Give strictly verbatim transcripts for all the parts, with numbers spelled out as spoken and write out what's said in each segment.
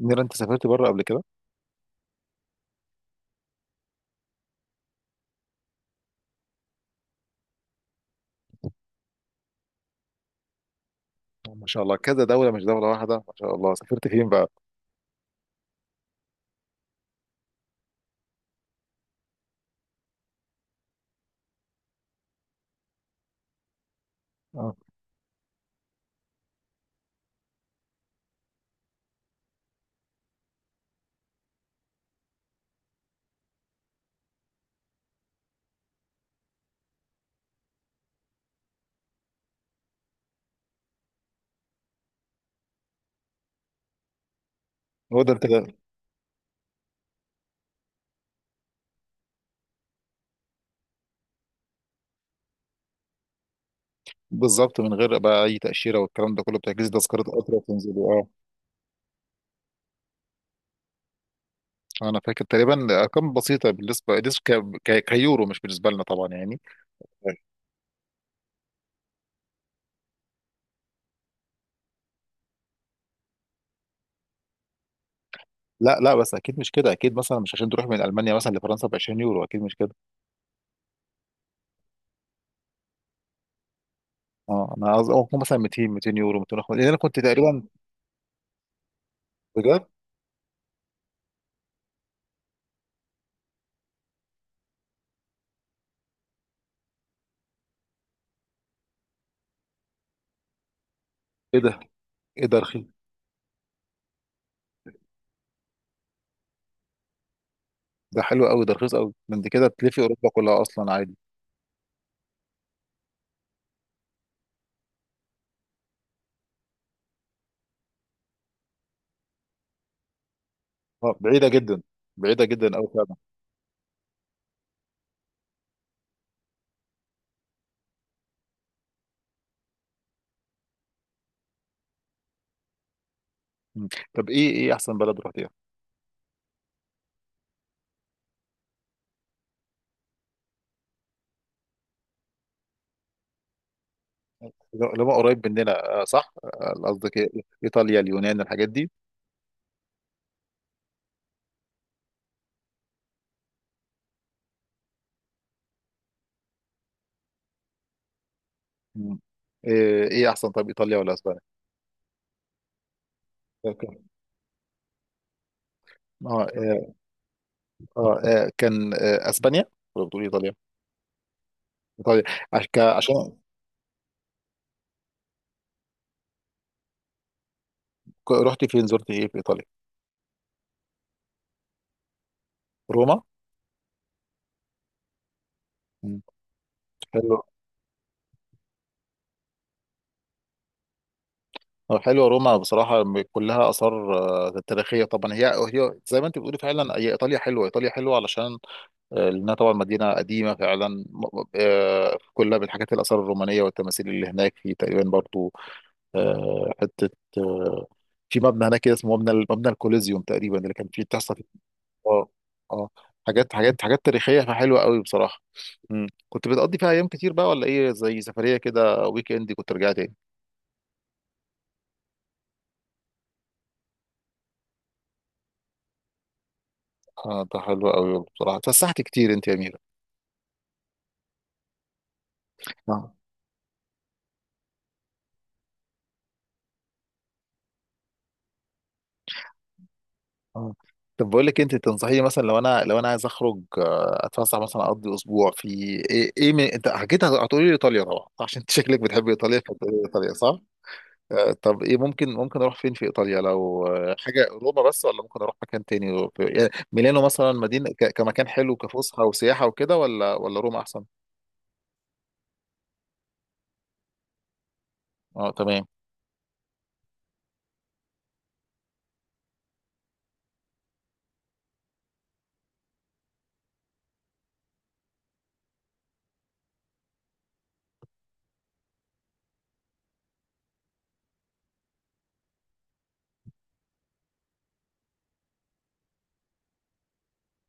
نيرة، انت سافرت بره قبل كده؟ ما شاء الله، كذا دولة مش دولة واحدة. ما شاء الله. سافرت فين بقى؟ اه، هو ده انت ده. بالظبط. من غير بقى اي تأشيرة والكلام ده كله. بتحجز تذكرة قطر وتنزل. اه. انا فاكر تقريبا ارقام بسيطة، بالنسبة بالنسبة ك... ك... كيورو، مش بالنسبة لنا طبعا يعني. لا لا، بس اكيد مش كده. اكيد مثلا مش عشان تروح من المانيا مثلا لفرنسا ب عشرين يورو. اكيد مش كده. اه، انا قصدي أو مثلا ميتين، ميتين يورو، ميتين وخمسين، لان انا كنت تقريبا. بجد؟ ايه ده! ايه ده رخيص! ده حلو قوي، ده رخيص قوي. ده انت كده تلفي اوروبا كلها اصلا عادي. آه، بعيدة جدا، بعيدة جدا أوي فعلا. مم. طب، إيه إيه أحسن بلد رحتيها؟ اللي هو قريب مننا، آه، صح؟ آه، قصدك إيه؟ إيطاليا، اليونان، الحاجات دي. مم. إيه إيه أحسن؟ طب، إيطاليا ولا أسبانيا؟ أوكي. آه، آه. آه، آه، كان آه أسبانيا ولا بتقول إيطاليا؟ إيطاليا. عش- ك- عشان. ك- رحتي فين، زرتي إيه في إيطاليا؟ روما؟ مم. حلو. آه، حلوة روما بصراحة، م- كلها آثار آه، تاريخية طبعا. هي هي زي ما أنت بتقولي، فعلا هي إيطاليا حلوة. إيطاليا حلوة علشان آه، لأنها طبعا مدينة قديمة فعلا، م- آه، كلها بالحاجات، الآثار الرومانية والتماثيل اللي هناك. في تقريبا برضو آه، حتة، آه، في مبنى هناك كده اسمه مبنى ال- مبنى الكوليزيوم تقريبا، اللي كان فيه بتحصل فيه اه آه، حاجات حاجات حاجات تاريخية، فحلوة قوي بصراحة. مم. كنت بتقضي فيها أيام كتير بقى، ولا إيه، زي سفرية كده ويك إند، كنت رجعت تاني؟ آه، ده حلو قوي بصراحة، اتفسحت كتير أنت يا أميرة. آه. طب بقول لك إيه، انت تنصحيني مثلا، لو انا لو انا عايز اخرج آه، اتفسح مثلا، اقضي اسبوع في ايه ايه من انت حكيت، هتقولي لي ايطاليا طبعا عشان انت شكلك بتحب ايطاليا فتقولي لي ايطاليا، صح؟ آه، طب ايه، ممكن ممكن اروح فين في ايطاليا، لو آه، حاجه روما بس، ولا ممكن اروح مكان تاني، في- يعني ميلانو مثلا، مدينه ك- كمكان حلو، كفسحه وسياحه وكده، ولا ولا روما احسن؟ اه، تمام.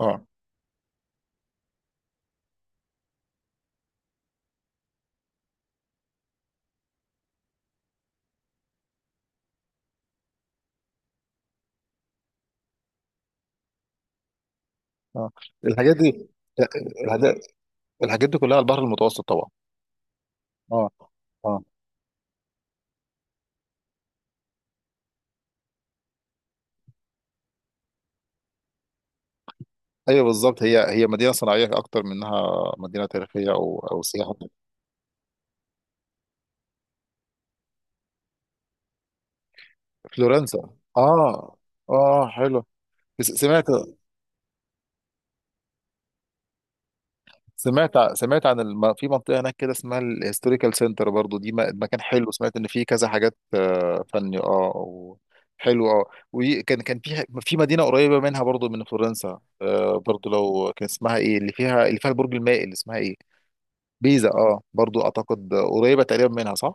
اه، اه. الحاجات دي، آه، الحاجات الحاجات دي كلها على البحر المتوسط طبعا. اه، اه. ايوه، بالظبط، هي هي مدينه صناعيه اكتر منها مدينه تاريخيه او او سياحه. فلورنسا. اه، اه، حلو. س- سمعت. سمعت سمعت عن الم... في منطقه هناك كده اسمها الهيستوريكال سنتر، برضو دي م- مكان حلو. سمعت ان فيه كذا حاجات آه، فني، اه و... حلو اه. وكان كان في في مدينه قريبه منها برضو من فلورنسا، آه برضو، لو كان اسمها ايه، اللي فيها اللي فيها البرج المائل، اسمها ايه؟ بيزا. اه، برضو اعتقد قريبه تقريبا منها، صح؟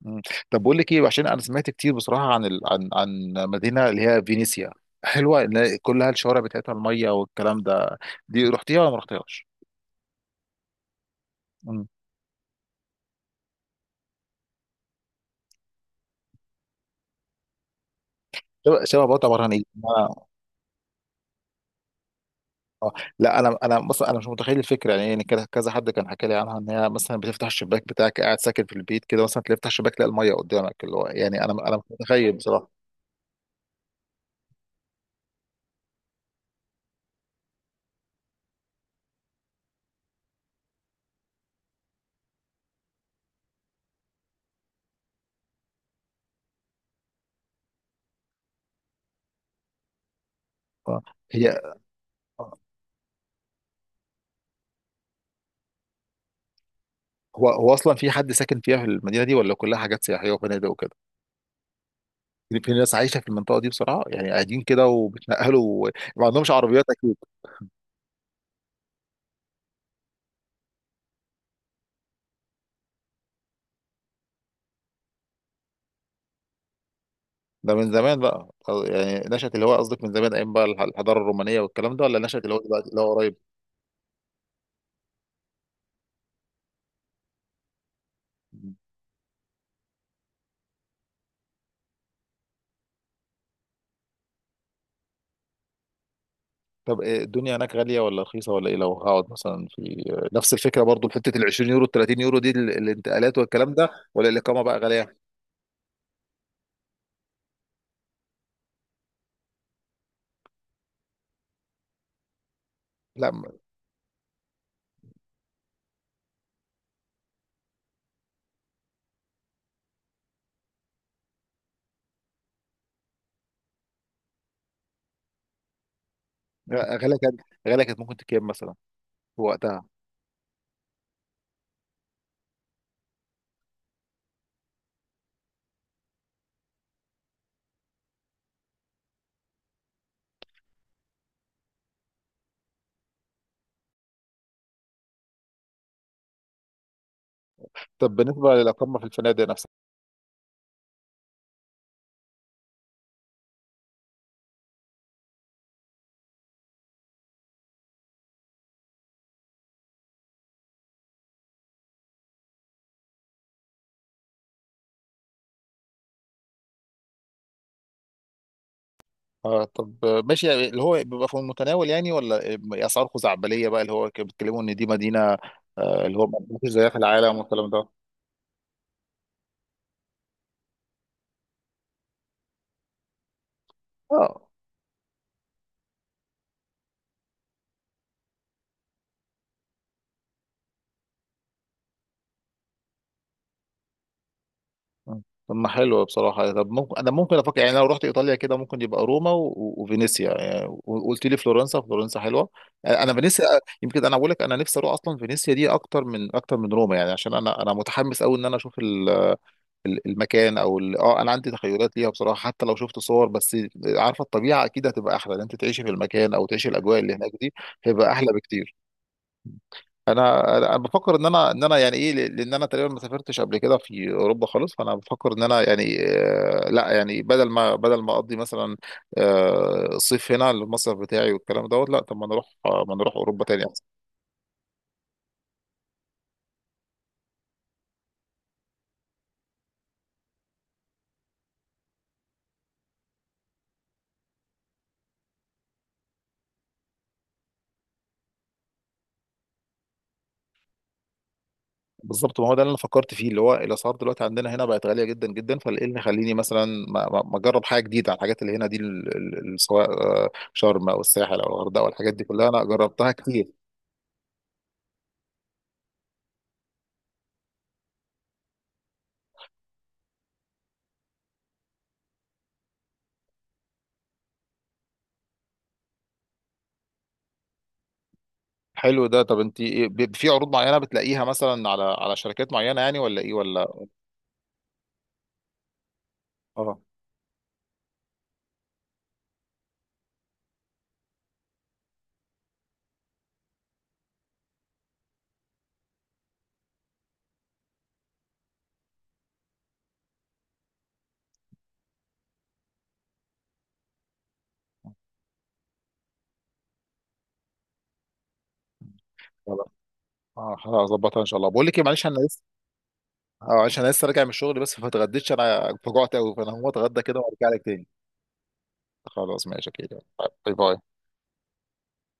مم. طب بقول لك ايه، عشان انا سمعت كتير بصراحه عن ال... عن عن مدينه اللي هي فينيسيا، حلوه، اللي كلها الشوارع بتاعتها الميه والكلام ده. دي رحتيها ولا ما رحتيهاش؟ مم. شبه شبه بطه برهان. اه، لا، انا انا مثلا، انا مش متخيل الفكره يعني، يعني كده كذا حد كان حكى لي عنها ان هي مثلا بتفتح الشباك بتاعك، قاعد ساكن في البيت كده مثلا، تلاقي تفتح الشباك تلاقي الميه قدامك، اللي هو يعني انا انا مش متخيل بصراحه. آه. هي آه، هو هو اصلا في حد ساكن فيها في المدينه دي، ولا كلها حاجات سياحيه وفنادق؟ في ناس عايشه في المنطقه دي بصراحه يعني، قاعدين كده وبيتنقلوا. ما عندهمش عربيات اكيد. ده من زمان بقى خلاص، يعني نشأت الهوايه قصدك من زمان، ايام بقى الح- الحضاره الرومانيه والكلام ده، ولا نشأت الهوايه دلوقتي اللي هو قريب؟ طب إيه، الدنيا هناك غاليه ولا رخيصه ولا ايه؟ لو هقعد مثلا في نفس الفكره برضو، حته ال عشرين يورو ال تلاتين يورو دي، ال- الانتقالات والكلام ده، ولا الاقامه بقى غاليه؟ لا، م- غاليه كانت. غاليه كانت ممكن تكام مثلا في وقتها؟ طب بالنسبه للاقامه في الفنادق نفسها؟ اه، طب ماشي. اللي هو بيبقى في المتناول يعني، ولا اسعار خزعبليه بقى، اللي هو كانوا بيتكلموا ان دي مدينه آه، اللي هو مفيش زيها في العالم والكلام ده؟ اه، طب، ما حلو بصراحه. طب ممكن، انا ممكن افكر يعني، لو رحت ايطاليا كده، ممكن يبقى روما و- وفينيسيا يعني، وقلت لي فلورنسا، فلورنسا حلوه. آه، انا فينيسيا، آه، يمكن، انا بقول لك، انا نفسي اروح اصلا فينيسيا دي اكتر من اكتر من روما يعني، عشان انا انا متحمس قوي ان انا اشوف ال- المكان او ال- اه انا عندي تخيلات ليها بصراحه، حتى لو شفت صور بس، عارفه الطبيعه اكيد هتبقى احلى، ان انت تعيشي في المكان او تعيشي الاجواء اللي هناك دي، هيبقى احلى بكتير. انا انا أنا بفكر ان انا ان انا يعني ايه، ل- لان انا تقريبا ما سافرتش قبل كده في اوروبا خالص، فانا بفكر ان انا يعني، آه، لا يعني بدل ما بدل ما اقضي مثلا آه، الصيف هنا المصيف بتاعي والكلام دوت، لا طب ما نروح، آه، ما نروح اوروبا تاني. بالظبط، ما هو ده اللي انا فكرت فيه، اللي هو الاسعار دلوقتي عندنا هنا بقت غاليه جدا جدا، فايه اللي يخليني مثلا ما ما- ما اجرب حاجه جديده على الحاجات اللي هنا دي، ال- ال- ال- سواء آه، شرم او الساحل او الغردقه، والحاجات دي كلها انا جربتها كتير. حلو ده. طب انت إيه، ب- في عروض معينه بتلاقيها مثلا على على شركات معينه يعني، ولا ايه، ولا؟ اه. ولا. اه، هظبطها ان شاء الله. بقول لك ايه، معلش انا لسه. اه، عشان انا لسه راجع من الشغل بس فاتغديتش، انا فجعت قوي، فانا هقوم اتغدى كده وارجع لك تاني. خلاص، ماشي كده. باي باي.